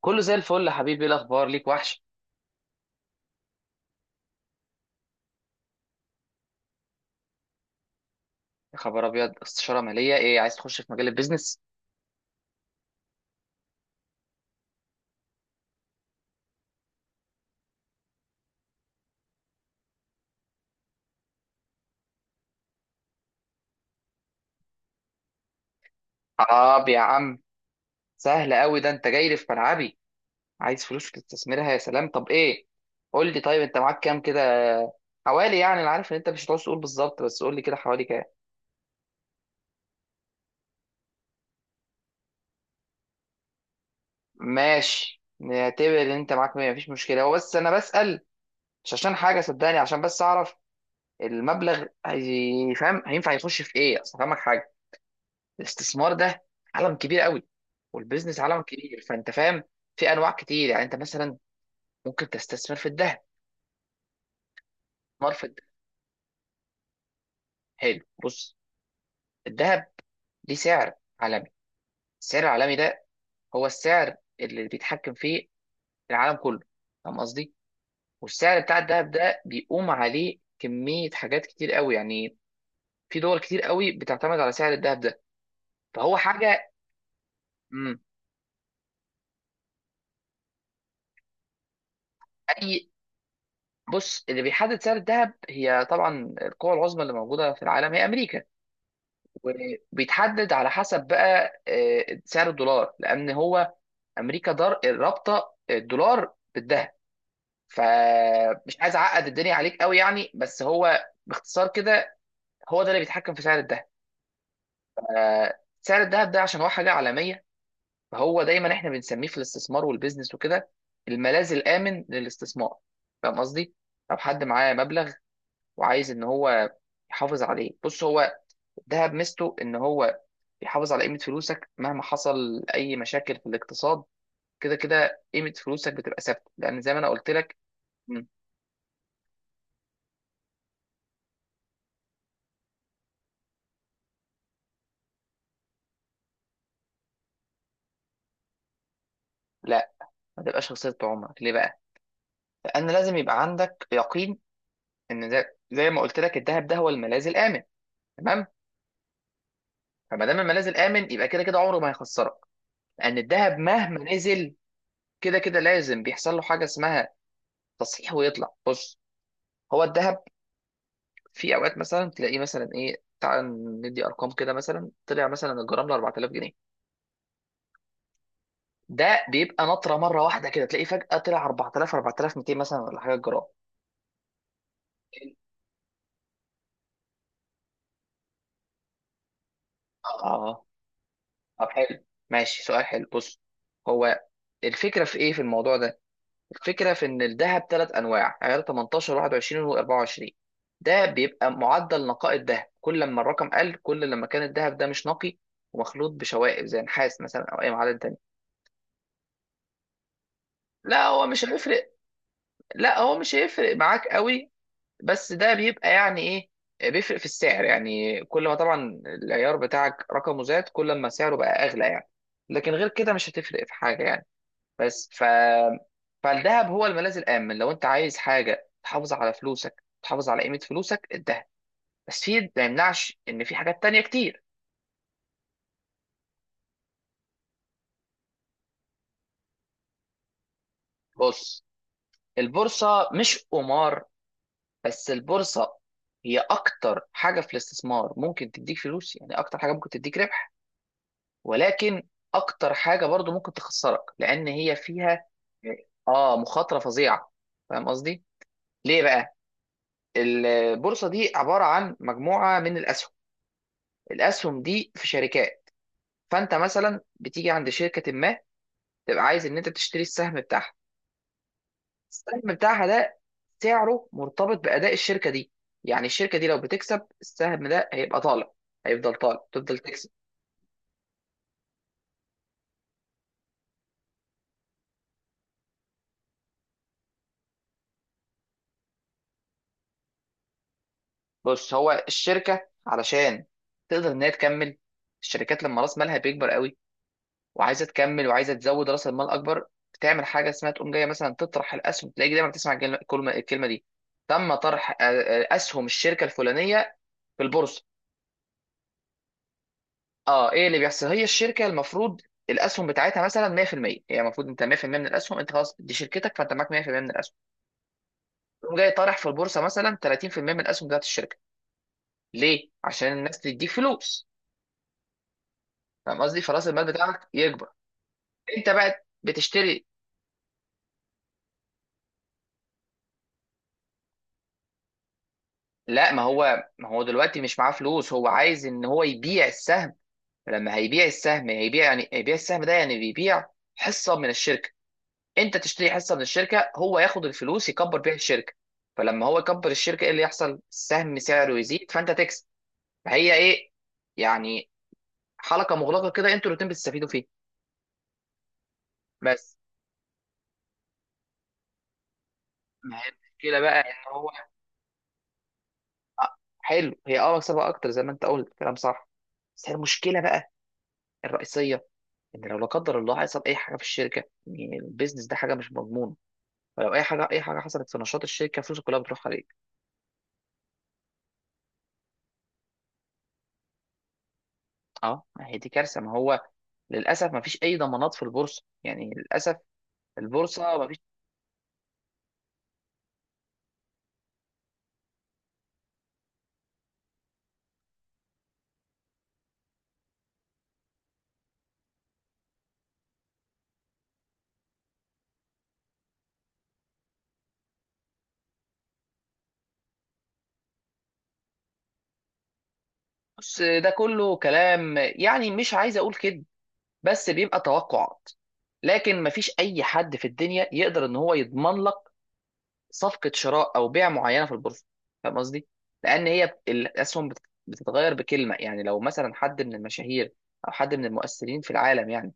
كله زي الفل يا حبيبي، ايه الاخبار؟ ليك وحش. يا خبر ابيض، استشاره ماليه؟ ايه عايز تخش في مجال البيزنس؟ اه يا عم، سهل قوي ده، انت جاي لي في ملعبي. عايز فلوس تستثمرها؟ يا سلام. طب ايه، قول لي طيب، انت معاك كام كده؟ حوالي يعني، انا عارف ان انت مش هتعوز تقول بالظبط، بس قول لي كده حوالي كام؟ ماشي، نعتبر ان انت معاك 100، مفيش مشكله. هو بس انا بسال مش عشان حاجه صدقني، عشان بس اعرف المبلغ فاهم، هينفع يخش في ايه. اصل فاهمك حاجه، الاستثمار ده عالم كبير قوي، والبيزنس عالم كبير. فانت فاهم، في انواع كتير. يعني انت مثلا ممكن تستثمر في الذهب. استثمار في الذهب، حلو، بص. الذهب ليه سعر عالمي. السعر العالمي ده هو السعر اللي بيتحكم فيه العالم كله، فاهم قصدي؟ والسعر بتاع الذهب ده بيقوم عليه كمية حاجات كتير قوي يعني. في دول كتير قوي بتعتمد على سعر الذهب ده، فهو حاجة. مم. اي، بص، اللي بيحدد سعر الذهب هي طبعا القوى العظمى اللي موجودة في العالم، هي امريكا. وبيتحدد على حسب بقى سعر الدولار، لان هو امريكا دار رابطه الدولار بالذهب. فمش عايز اعقد الدنيا عليك قوي يعني، بس هو باختصار كده، هو ده اللي بيتحكم في سعر الذهب. سعر الذهب ده عشان هو حاجه عالميه، فهو دايما احنا بنسميه في الاستثمار والبيزنس وكده الملاذ الامن للاستثمار. فاهم قصدي؟ لو حد معاه مبلغ وعايز ان هو يحافظ عليه، بص، هو الذهب ميزته ان هو يحافظ على قيمة فلوسك مهما حصل أي مشاكل في الاقتصاد. كده كده قيمة فلوسك بتبقى ثابتة، لأن زي ما أنا قلت لك. مم. لا، ما تبقاش خسارة عمرك ليه بقى؟ لأن لازم يبقى عندك يقين، إن زي ما قلت لك الذهب ده هو الملاذ الآمن، تمام؟ فما دام الملاذ الآمن يبقى كده كده عمره ما هيخسرك، لأن الذهب مهما نزل كده كده لازم بيحصل له حاجة اسمها تصحيح ويطلع. بص، هو الذهب في أوقات مثلا تلاقيه مثلا، إيه، تعال ندي أرقام كده، مثلا طلع مثلا الجرام ل 4000 جنيه. ده بيبقى نطره مره واحده، كده تلاقيه فجاه طلع 4000 4200 مثلا، ولا حاجه جرام. اه اه، طب حلو، ماشي، سؤال حلو، بص. هو الفكره في ايه في الموضوع ده؟ الفكره في ان الذهب ثلاث انواع، عيار 18 21 و24. ده بيبقى معدل نقاء الذهب، كل لما الرقم قل كل لما كان الذهب ده مش نقي ومخلوط بشوائب زي نحاس مثلا، او اي معدن تاني. لا هو مش هيفرق، لا هو مش هيفرق معاك قوي. بس ده بيبقى يعني، ايه، بيفرق في السعر يعني، كل ما طبعا العيار بتاعك رقمه زاد كل ما سعره بقى اغلى يعني. لكن غير كده مش هتفرق في حاجه يعني. بس فالذهب هو الملاذ الامن، لو انت عايز حاجه تحافظ على فلوسك، تحافظ على قيمه فلوسك الذهب. بس في ما يمنعش ان في حاجات تانية كتير. بص، البورصه مش قمار، بس البورصه هي اكتر حاجه في الاستثمار ممكن تديك فلوس، يعني اكتر حاجه ممكن تديك ربح. ولكن اكتر حاجه برضو ممكن تخسرك، لان هي فيها اه مخاطره فظيعه، فاهم قصدي. ليه بقى؟ البورصه دي عباره عن مجموعه من الاسهم. الاسهم دي في شركات. فانت مثلا بتيجي عند شركه ما، تبقى عايز ان انت تشتري السهم بتاعها. السهم بتاعها ده سعره مرتبط باداء الشركه دي. يعني الشركه دي لو بتكسب السهم ده هيبقى طالع، هيفضل طالع، تفضل تكسب. بص، هو الشركه علشان تقدر ان هي تكمل، الشركات لما راس مالها بيكبر قوي وعايزه تكمل وعايزه تزود راس المال اكبر، بتعمل حاجه اسمها تقوم جايه مثلا تطرح الاسهم. تلاقي دايما بتسمع الكلمه دي، تم طرح اسهم الشركه الفلانيه في البورصه. اه، ايه اللي بيحصل، هي الشركه المفروض الاسهم بتاعتها مثلا 100%، هي المفروض انت 100% من الاسهم، انت خلاص دي شركتك، فانت معاك 100% من الاسهم. تقوم جاي طارح في البورصه مثلا 30% من الاسهم بتاعت الشركه. ليه؟ عشان الناس تديك فلوس، فاهم قصدي، فراس المال بتاعك يكبر. انت بقى بتشتري. لا، ما هو دلوقتي مش معاه فلوس، هو عايز ان هو يبيع السهم. فلما هيبيع السهم هيبيع يعني، هيبيع السهم ده يعني، بيبيع حصة من الشركة، انت تشتري حصة من الشركة، هو ياخد الفلوس يكبر بيها الشركة. فلما هو يكبر الشركة، ايه اللي يحصل؟ السهم سعره يزيد، فانت تكسب. فهي ايه يعني، حلقة مغلقة كده، انتوا الاتنين بتستفيدوا فيها. بس ما هي المشكلة بقى، ان هو آه، حلو، هي مكسبها اكتر زي ما انت قلت، كلام صح. بس هي المشكلة بقى الرئيسية، ان لو لا قدر الله حصل اي حاجه في الشركه، يعني البيزنس ده حاجه مش مضمونه، فلو اي حاجه، اي حاجه حصلت في نشاط الشركه فلوسك كلها بتروح عليك. اه، ما هي دي كارثه، ما هو للاسف ما فيش اي ضمانات في البورصه، يعني للاسف البورصه ما فيش. بص، ده كله كلام، يعني مش عايز اقول كده، بس بيبقى توقعات. لكن ما فيش اي حد في الدنيا يقدر ان هو يضمن لك صفقة شراء أو بيع معينة في البورصة، فاهم قصدي؟ لأن هي الأسهم بتتغير بكلمة. يعني لو مثلا حد من المشاهير أو حد من المؤثرين في العالم يعني،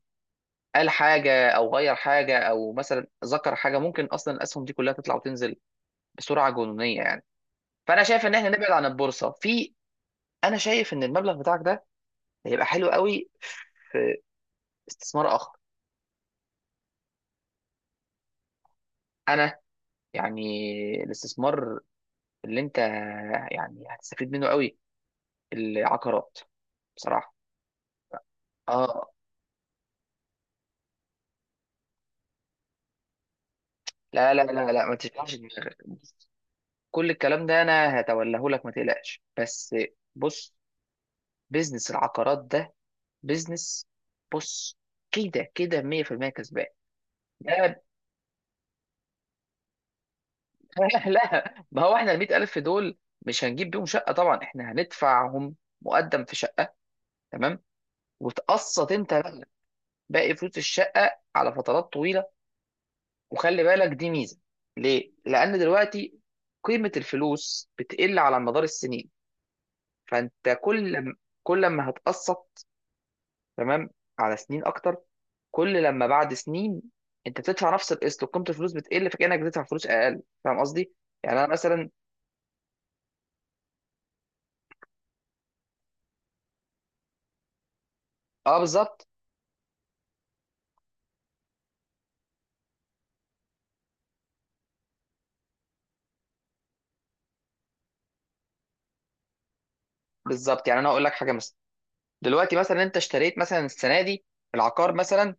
قال حاجة أو غير حاجة أو مثلا ذكر حاجة، ممكن أصلا الأسهم دي كلها تطلع وتنزل بسرعة جنونية يعني. فأنا شايف إن إحنا نبعد عن البورصة في. أنا شايف إن المبلغ بتاعك ده هيبقى حلو قوي استثمار آخر. أنا يعني، الاستثمار اللي أنت يعني هتستفيد منه قوي، العقارات، بصراحة. اه، لا لا لا لا، ما تشغلش دماغك، بص، كل الكلام ده انا هتوليه لك، ما تقلقش. بس بص، بيزنس العقارات ده بيزنس، بص كده كده 100% كسبان. لا لا، ما هو احنا ال 100000 دول مش هنجيب بيهم شقه طبعا، احنا هندفعهم مقدم في شقه، تمام، وتقسط انت بقى باقي فلوس الشقه على فترات طويله. وخلي بالك دي ميزه. ليه؟ لان دلوقتي قيمه الفلوس بتقل على مدار السنين، فانت كل لما هتقسط، تمام، على سنين اكتر. كل لما بعد سنين انت بتدفع نفس القسط وقيمه الفلوس بتقل، فكانك بتدفع فلوس اقل، فاهم قصدي؟ يعني انا مثلا، اه بالظبط، بالظبط، يعني انا اقول لك حاجه مثلا، دلوقتي مثلا انت اشتريت مثلا السنه دي العقار مثلا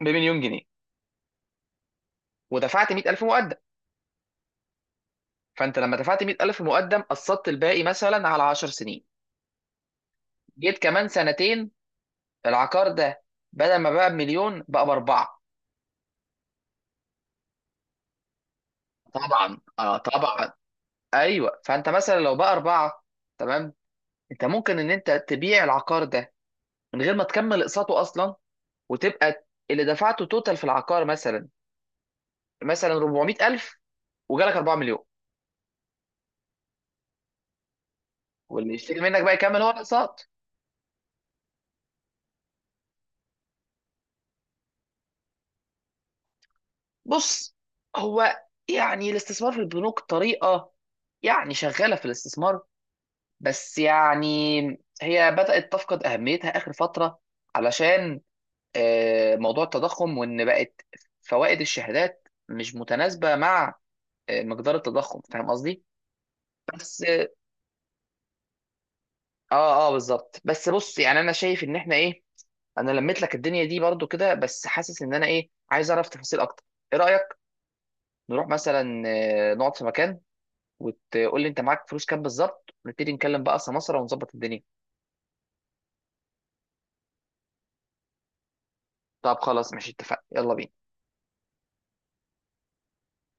بمليون جنيه، ودفعت 100000 مقدم. فانت لما دفعت 100000 مقدم، قسطت الباقي مثلا على 10 سنين. جيت كمان سنتين، العقار ده بدل ما بقى بمليون بقى باربعه. طبعا طبعا، ايوه، فانت مثلا لو بقى اربعه، تمام، انت ممكن ان انت تبيع العقار ده من غير ما تكمل اقساطه اصلا، وتبقى اللي دفعته توتال في العقار مثلا 400000، وجالك 4 مليون. واللي يشتري منك بقى يكمل هو الاقساط. بص، هو يعني الاستثمار في البنوك طريقه يعني شغاله في الاستثمار، بس يعني هي بدات تفقد اهميتها اخر فتره، علشان موضوع التضخم، وان بقت فوائد الشهادات مش متناسبه مع مقدار التضخم، فاهم قصدي. بس اه اه بالظبط، بس بص، يعني انا شايف ان احنا ايه، انا لميت لك الدنيا دي برضو كده، بس حاسس ان انا ايه عايز اعرف تفاصيل اكتر. ايه رايك نروح مثلا نقعد في مكان، وتقول لي انت معاك فلوس كام بالظبط، ونبتدي نتكلم بقى سمسره ونظبط الدنيا. طب خلاص، ماشي، اتفقنا، يلا بينا.